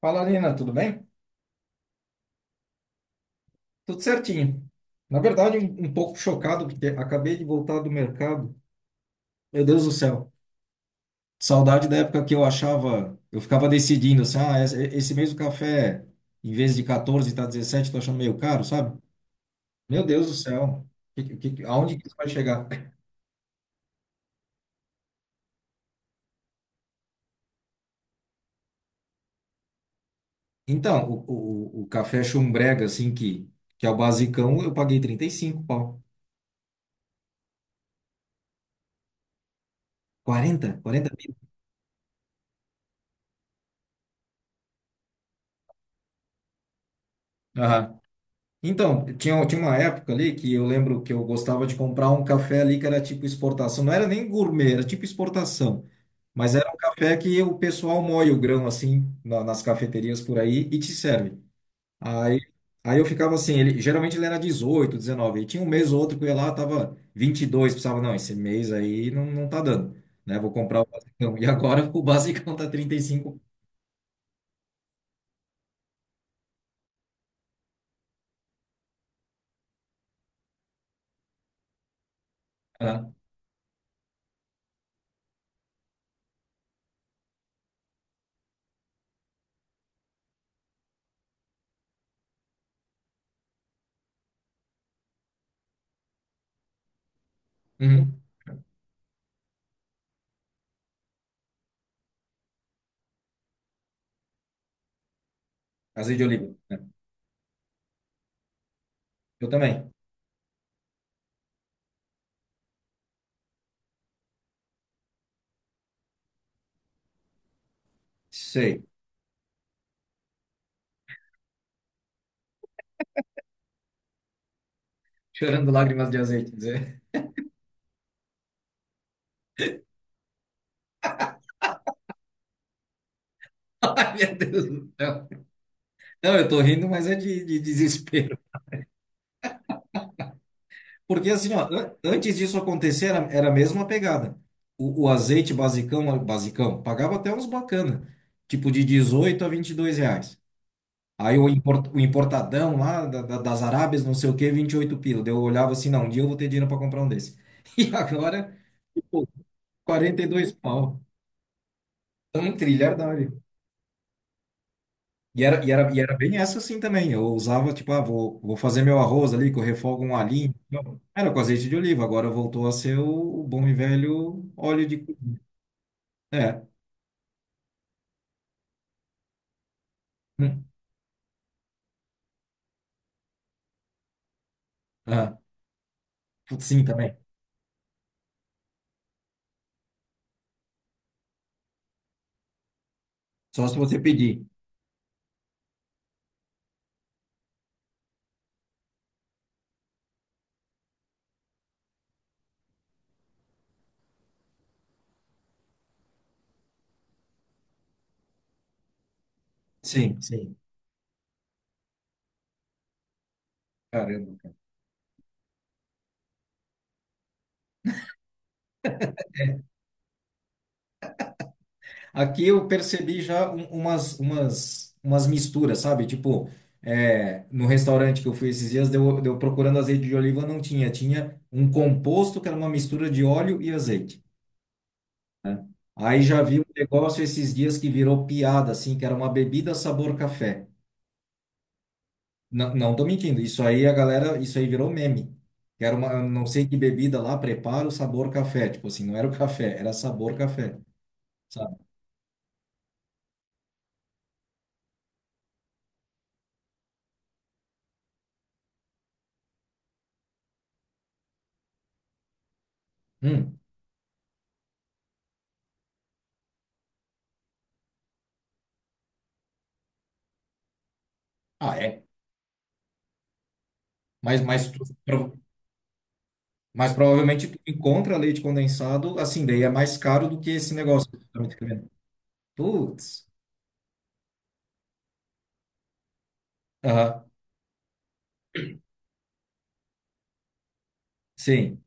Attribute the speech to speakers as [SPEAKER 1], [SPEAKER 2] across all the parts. [SPEAKER 1] Fala, Nina, tudo bem? Tudo certinho. Na verdade, um pouco chocado, porque acabei de voltar do mercado. Meu Deus do céu. Saudade da época que eu achava, eu ficava decidindo assim, ah, esse mês o café, em vez de 14, tá 17. Tô achando meio caro, sabe? Meu Deus do céu. Aonde que isso vai chegar? Então, o café chumbrega, assim, que é o basicão, eu paguei 35, pau. 40, 40, mil. Então, tinha uma época ali que eu lembro que eu gostava de comprar um café ali que era tipo exportação. Não era nem gourmet, era tipo exportação. Mas era um café que o pessoal moe o grão assim nas cafeterias por aí e te serve. Aí, aí eu ficava assim, ele, geralmente ele era 18, 19. E tinha um mês ou outro que eu ia lá, tava 22, pensava, não, esse mês aí não, não tá dando, né? Vou comprar o basicão. E agora o basicão tá 35. Ah, uhum. Azeite de oliva, né? Eu também. Sei. Chorando lágrimas de azeite. Meu Deus do céu. Não, eu tô rindo, mas é de desespero. Porque assim, ó, antes disso acontecer, era a mesma pegada. O azeite basicão, basicão, pagava até uns bacana, tipo de 18 a R$ 22. Aí o importadão lá das Arábias, não sei o quê, 28 pila. Daí eu olhava assim, não, um dia eu vou ter dinheiro para comprar um desse. E agora, tipo, 42 pau. Tá um trilhar da hora. E era bem essa assim também. Eu usava, tipo, ah, vou fazer meu arroz ali, que eu refogo um alhinho. Não, era com azeite de oliva, agora voltou a ser o bom e velho óleo de. É. Hum. Ah, putz, sim, também. Só se você pedir. Sim, sim. Caramba. Aqui eu percebi já umas misturas, sabe? Tipo, é, no restaurante que eu fui esses dias, deu, deu procurando azeite de oliva, não tinha. Tinha um composto que era uma mistura de óleo e azeite, né? Aí já vi um negócio esses dias que virou piada, assim, que era uma bebida sabor café. Não, não tô mentindo, isso aí a galera, isso aí virou meme. Que era uma, não sei que bebida lá, preparo sabor café. Tipo assim, não era o café, era sabor café, sabe? Hum, ah, é. Mas, mas, tu- pro- mas provavelmente tu encontra leite condensado, assim, daí é mais caro do que esse negócio que tu tá me descrevendo. Putz. Aham, sim.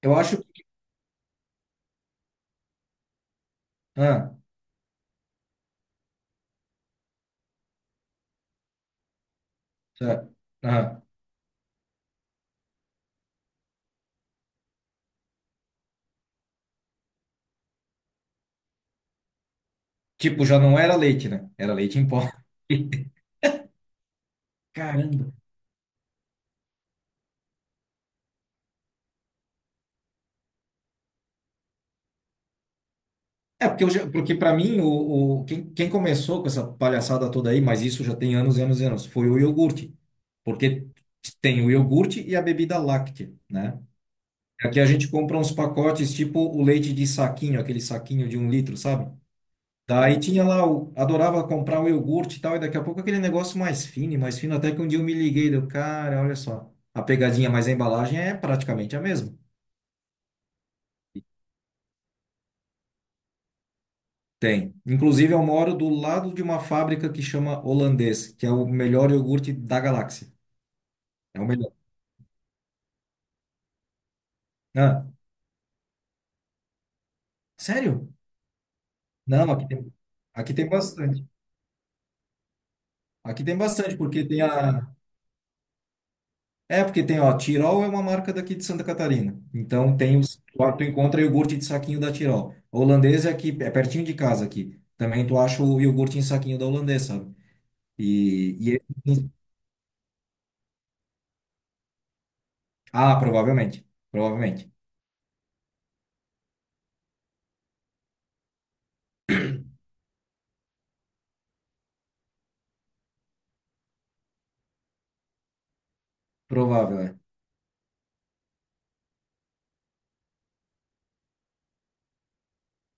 [SPEAKER 1] Eu acho que. Ah, tá. Aham. Tipo, já não era leite, né? Era leite em pó. Caramba. É, porque, porque para mim, quem começou com essa palhaçada toda aí, mas isso já tem anos e anos e anos, foi o iogurte. Porque tem o iogurte e a bebida láctea, né? Aqui a gente compra uns pacotes tipo o leite de saquinho, aquele saquinho de um litro, sabe? Daí tinha lá, o, adorava comprar o iogurte e tal, e daqui a pouco aquele negócio mais fino, e mais fino, até que um dia eu me liguei, deu, cara, olha só, a pegadinha, mas a embalagem é praticamente a mesma. Tem. Inclusive, eu moro do lado de uma fábrica que chama Holandês, que é o melhor iogurte da galáxia. É o melhor. Ah, sério? Não, aqui tem bastante. Aqui tem bastante, porque tem a. É, porque tem, ó, Tirol é uma marca daqui de Santa Catarina. Então tem os. Lá tu encontra iogurte de saquinho da Tirol. Holandês é aqui, é pertinho de casa aqui. Também tu acha o iogurte em saquinho da Holandês, sabe? E... Ah, provavelmente. Provavelmente. Provável.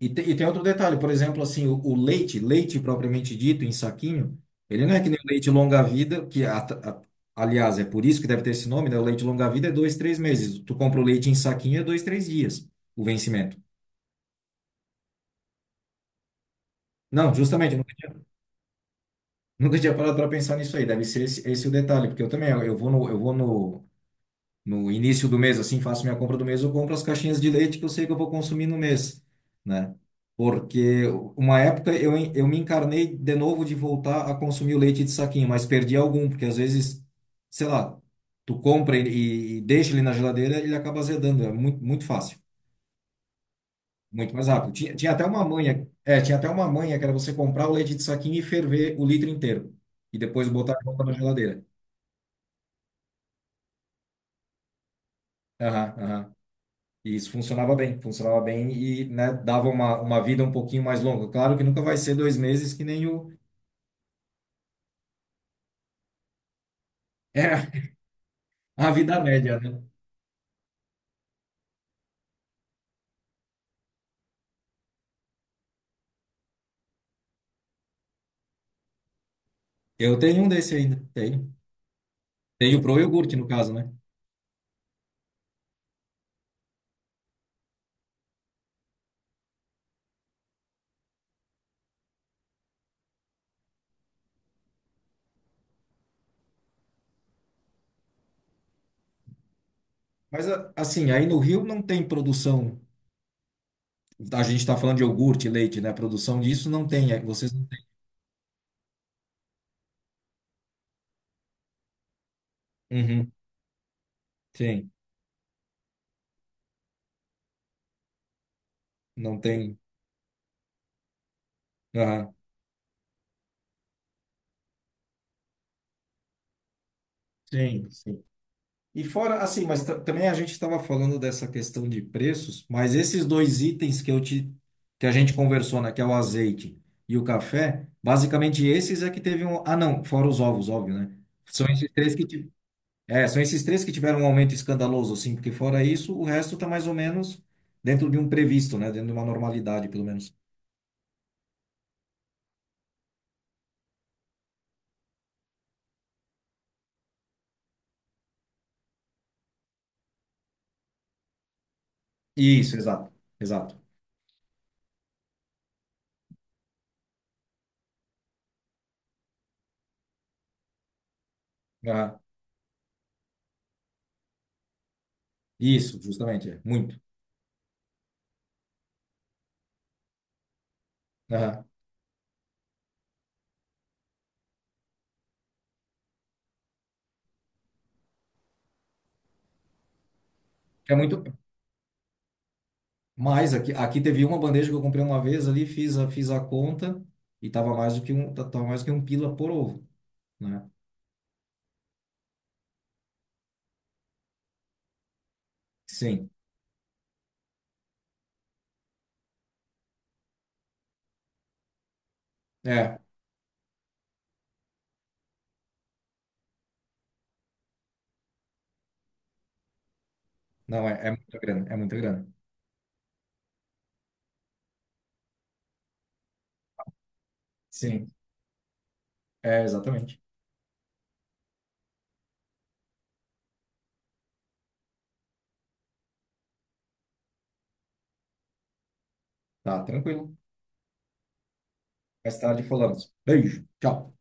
[SPEAKER 1] E tem outro detalhe, por exemplo, assim, o leite, leite propriamente dito, em saquinho, ele não é que nem o leite longa-vida, que, aliás, é por isso que deve ter esse nome, né? O leite longa-vida é dois, três meses. Tu compra o leite em saquinho, é dois, três dias o vencimento. Não, justamente, nunca tinha parado para pensar nisso aí. Deve ser esse o detalhe, porque eu também, eu vou no, no início do mês, assim, faço minha compra do mês, eu compro as caixinhas de leite que eu sei que eu vou consumir no mês, né? Porque uma época eu, eu me encarnei de novo de voltar a consumir o leite de saquinho, mas perdi algum, porque às vezes, sei lá, tu compra e deixa ele na geladeira, ele acaba azedando, é muito, muito fácil, muito mais rápido. Tinha até uma manha, que era você comprar o leite de saquinho e ferver o litro inteiro, e depois botar de volta na geladeira. Aham, aham. E isso funcionava bem e, né, dava uma vida um pouquinho mais longa. Claro que nunca vai ser dois meses que nem o, é a vida média, né? Eu tenho um desse ainda, tenho. Tenho pro iogurte, no caso, né? Mas, assim, aí no Rio não tem produção. A gente está falando de iogurte, leite, né? Produção disso não tem. É, vocês não têm. Uhum, sim, não tem. Aham, sim, sim. E fora, assim, também a gente estava falando dessa questão de preços, mas esses dois itens que que a gente conversou, né, que é o azeite e o café, basicamente esses é que teve um, ah não, fora os ovos, óbvio, né? São esses três que ti- é, são esses três que tiveram um aumento escandaloso, assim, porque fora isso, o resto está mais ou menos dentro de um previsto, né, dentro de uma normalidade, pelo menos. Isso, exato, exato. Aham. Isso, justamente, é muito. Aham. É muito, mas aqui, aqui teve uma bandeja que eu comprei uma vez ali, fiz a conta e tava mais do que um, tava mais do que um pila por ovo, né? Sim. É, não, é, muita grana, é muita grana. Sim, é exatamente. Tá, tranquilo. Mais tarde falamos. Beijo, tchau.